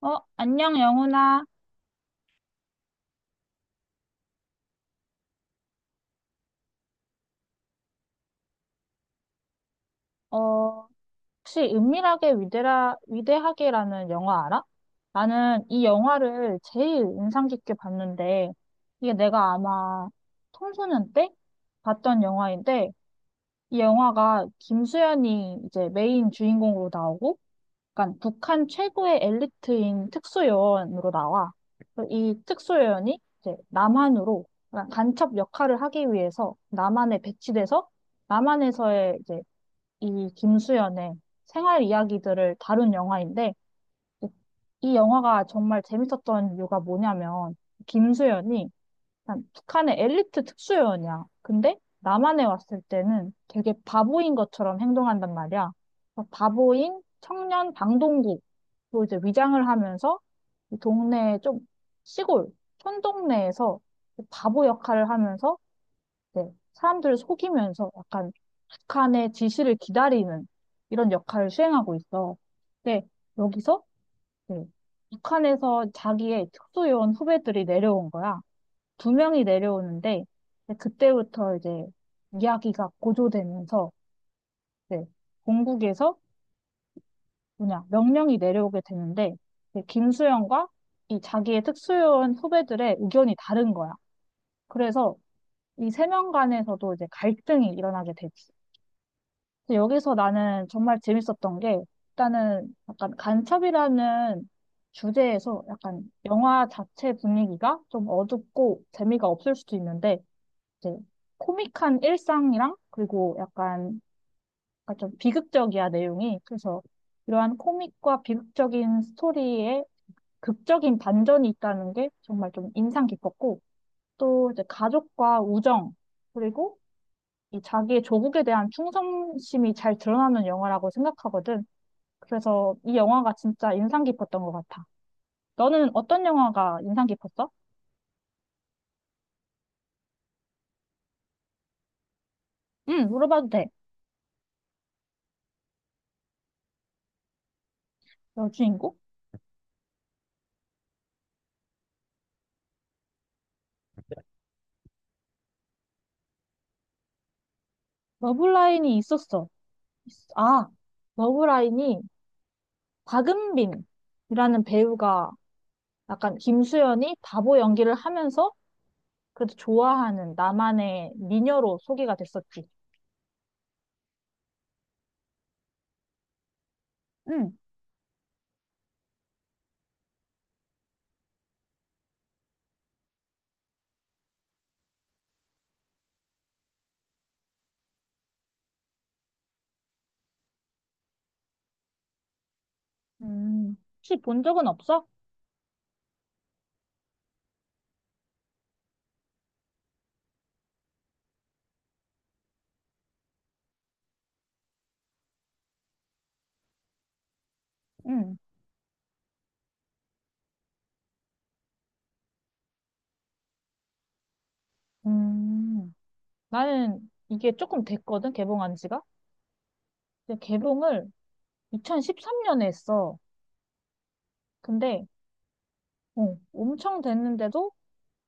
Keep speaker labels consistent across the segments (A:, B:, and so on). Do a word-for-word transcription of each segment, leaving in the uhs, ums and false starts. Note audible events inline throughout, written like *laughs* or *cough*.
A: 어, 안녕, 영훈아. 어, 혹시 은밀하게 위대라, 위대하게라는 영화 알아? 나는 이 영화를 제일 인상 깊게 봤는데, 이게 내가 아마 청소년 때 봤던 영화인데, 이 영화가 김수현이 이제 메인 주인공으로 나오고, 약간 북한 최고의 엘리트인 특수요원으로 나와. 그래서 이 특수요원이 이제 남한으로 약간 간첩 역할을 하기 위해서 남한에 배치돼서 남한에서의 이제 이 김수현의 생활 이야기들을 다룬 영화인데 이, 이 영화가 정말 재밌었던 이유가 뭐냐면 김수현이 한 북한의 엘리트 특수요원이야. 근데 남한에 왔을 때는 되게 바보인 것처럼 행동한단 말이야. 그래서 바보인 청년 방동국으로 이제 위장을 하면서 이 동네 좀 시골 촌동네에서 바보 역할을 하면서 네, 사람들을 속이면서 약간 북한의 지시를 기다리는 이런 역할을 수행하고 있어. 근데 여기서 네, 북한에서 자기의 특수요원 후배들이 내려온 거야. 두 명이 내려오는데 이제 그때부터 이제 이야기가 고조되면서 네, 본국에서 뭐냐 명령이 내려오게 되는데 이제 김수영과 이 자기의 특수요원 후배들의 의견이 다른 거야. 그래서 이 세 명 간에서도 이제 갈등이 일어나게 되지. 근데 여기서 나는 정말 재밌었던 게 일단은 약간 간첩이라는 주제에서 약간 영화 자체 분위기가 좀 어둡고 재미가 없을 수도 있는데 이제 코믹한 일상이랑 그리고 약간, 약간 좀 비극적이야 내용이. 그래서 이러한 코믹과 비극적인 스토리에 극적인 반전이 있다는 게 정말 좀 인상 깊었고 또 이제 가족과 우정 그리고 이 자기의 조국에 대한 충성심이 잘 드러나는 영화라고 생각하거든. 그래서 이 영화가 진짜 인상 깊었던 것 같아. 너는 어떤 영화가 인상 깊었어? 응, 물어봐도 돼. 여주인공? 러브라인이 있었어. 있- 아, 러브라인이 박은빈이라는 배우가 약간 김수현이 바보 연기를 하면서 그래도 좋아하는 나만의 미녀로 소개가 됐었지. 응. 음, 혹시 본 적은 없어? 응. 음. 나는 이게 조금 됐거든, 개봉한 지가. 근데 개봉을 이천십삼 년에 했어. 근데, 어, 엄청 됐는데도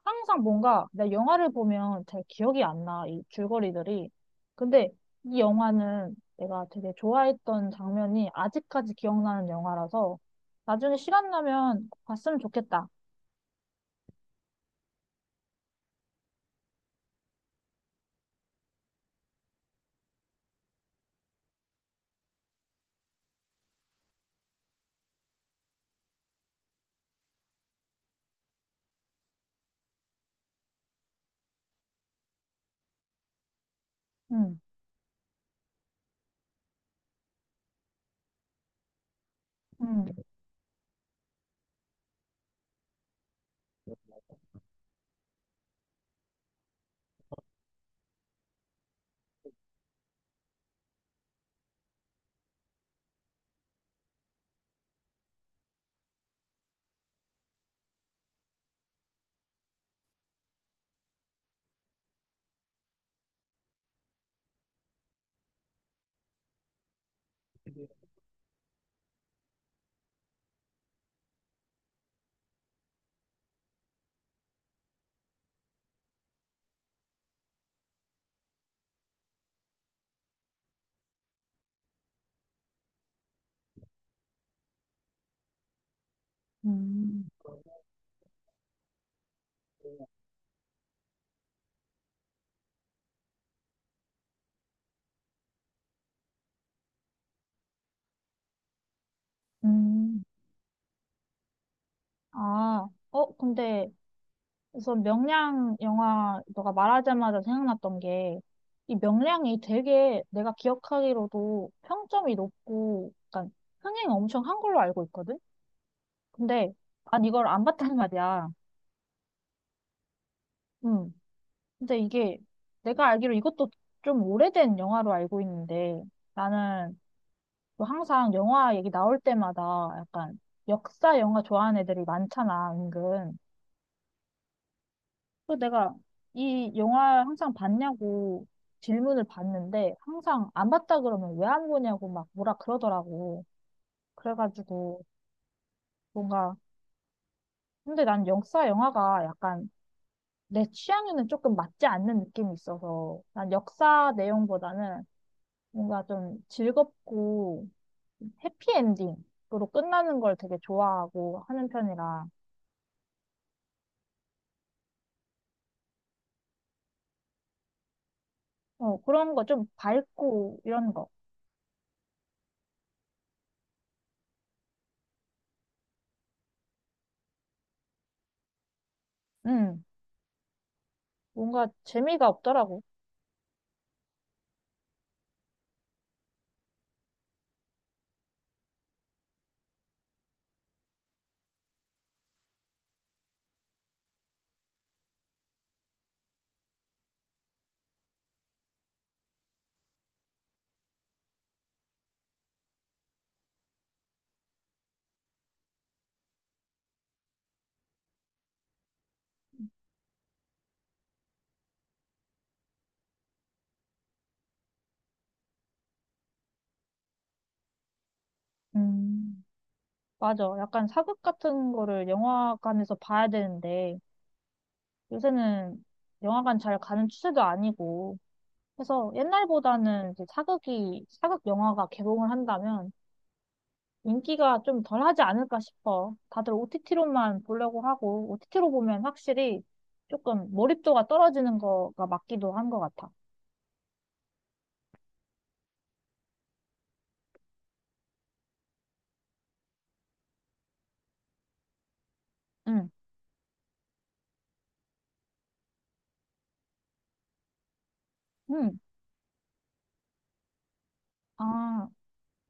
A: 항상 뭔가 내 영화를 보면 잘 기억이 안 나, 이 줄거리들이. 근데 이 영화는 내가 되게 좋아했던 장면이 아직까지 기억나는 영화라서 나중에 시간 나면 봤으면 좋겠다. 응, 응, 음. 음. 아, 어, 근데 우선 명량 영화 너가 말하자마자 생각났던 게 이 명량이 되게 내가 기억하기로도 평점이 높고 약간 흥행 엄청 한 걸로 알고 있거든? 근데 난 이걸 안 봤단 *laughs* 말이야. 음. 근데 이게 내가 알기로 이것도 좀 오래된 영화로 알고 있는데 나는 또 항상 영화 얘기 나올 때마다 약간 역사 영화 좋아하는 애들이 많잖아, 은근. 그 내가 이 영화 항상 봤냐고 질문을 봤는데 항상 안 봤다 그러면 왜 안 보냐고 막 뭐라 그러더라고. 그래가지고 뭔가 근데 난 역사 영화가 약간 내 취향에는 조금 맞지 않는 느낌이 있어서 난 역사 내용보다는 뭔가 좀 즐겁고 해피엔딩으로 끝나는 걸 되게 좋아하고 하는 편이라. 어, 그런 거 좀 밝고 이런 거. 음, 뭔가 재미가 없더라고. 음. 맞아. 약간 사극 같은 거를 영화관에서 봐야 되는데, 요새는 영화관 잘 가는 추세도 아니고, 그래서 옛날보다는 이제 사극이, 사극 영화가 개봉을 한다면 인기가 좀 덜하지 않을까 싶어. 다들 오 티 티로만 보려고 하고, 오 티 티로 보면 확실히 조금 몰입도가 떨어지는 거가 맞기도 한 것 같아. 응, 응. 아,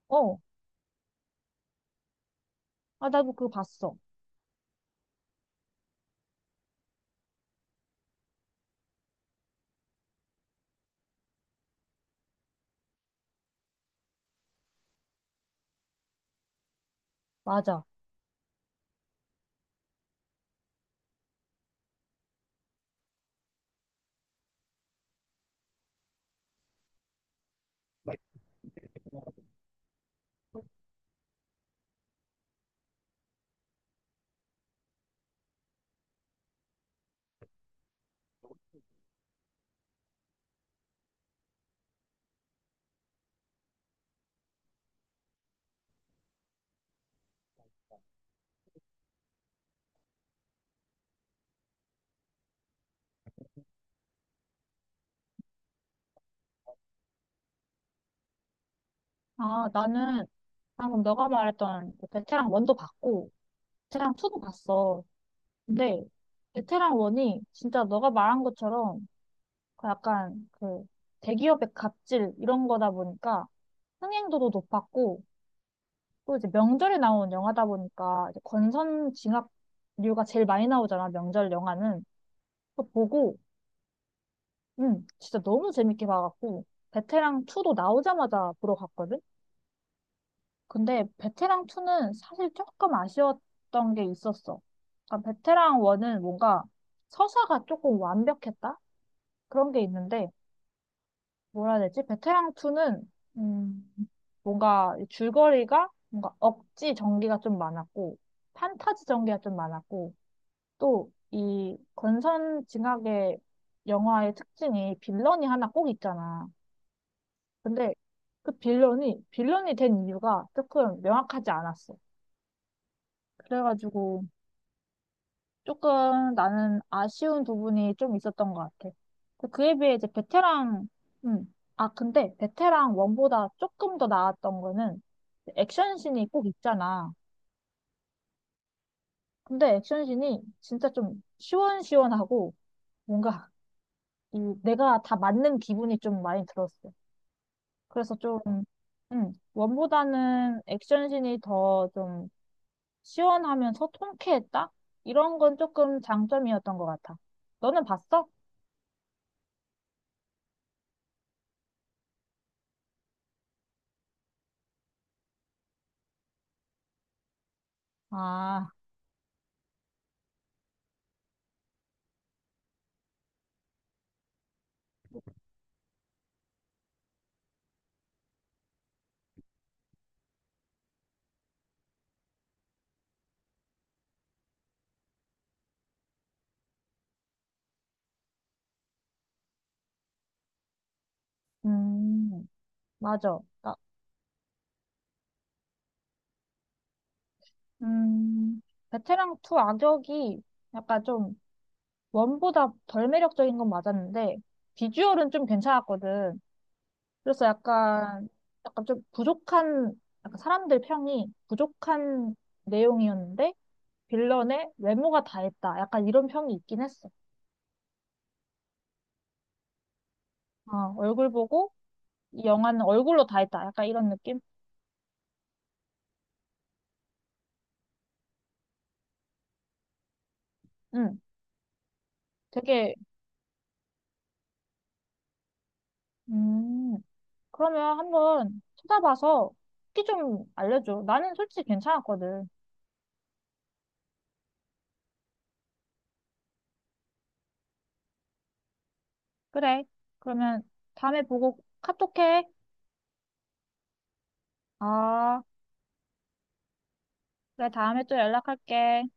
A: 어. 아, 나도 그거 봤어. 맞아. 아, 나는 방금 너가 말했던 그 베테랑 원도 봤고, 베테랑 투도 봤어. 근데 베테랑 원이 진짜 너가 말한 것처럼 그 약간 그 대기업의 갑질 이런 거다 보니까 흥행도도 높았고 또 이제 명절에 나온 영화다 보니까 이제 권선 징악류가 제일 많이 나오잖아, 명절 영화는. 그 보고 음 진짜 너무 재밌게 봐갖고 베테랑 투도 나오자마자 보러 갔거든. 근데 베테랑 투는 사실 조금 아쉬웠던 게 있었어. 그러니까 베테랑 원은 뭔가 서사가 조금 완벽했다? 그런 게 있는데, 뭐라 해야 되지? 베테랑 투는, 음, 뭔가 이 줄거리가 뭔가 억지 전개가 좀 많았고, 판타지 전개가 좀 많았고, 또 이 권선징악의 영화의 특징이 빌런이 하나 꼭 있잖아. 근데 그 빌런이, 빌런이 된 이유가 조금 명확하지 않았어. 그래가지고, 조금 나는 아쉬운 부분이 좀 있었던 것 같아. 그- 그에 비해 이제 베테랑, 음, 아, 근데 베테랑 원보다 조금 더 나았던 거는 액션씬이 꼭 있잖아. 근데 액션씬이 진짜 좀 시원시원하고 뭔가 이 내가 다 맞는 기분이 좀 많이 들었어. 그래서 좀, 음, 원보다는 액션씬이 더 좀 시원하면서 통쾌했다? 이런 건 조금 장점이었던 것 같아. 너는 봤어? 아. 음, 맞아. 나, 음, 베테랑 투 악역이 약간 좀 원보다 덜 매력적인 건 맞았는데 비주얼은 좀 괜찮았거든. 그래서 약간 약간 좀 부족한 약간 사람들 평이 부족한 내용이었는데 빌런의 외모가 다 했다. 약간 이런 평이 있긴 했어. 어, 얼굴 보고 이 영화는 얼굴로 다 했다. 약간 이런 느낌? 음, 되게. 음. 그러면 한번 찾아봐서 후기 좀 알려줘. 나는 솔직히 괜찮았거든. 그래. 그러면 다음에 보고 카톡해. 아, 그래. 다음에 또 연락할게.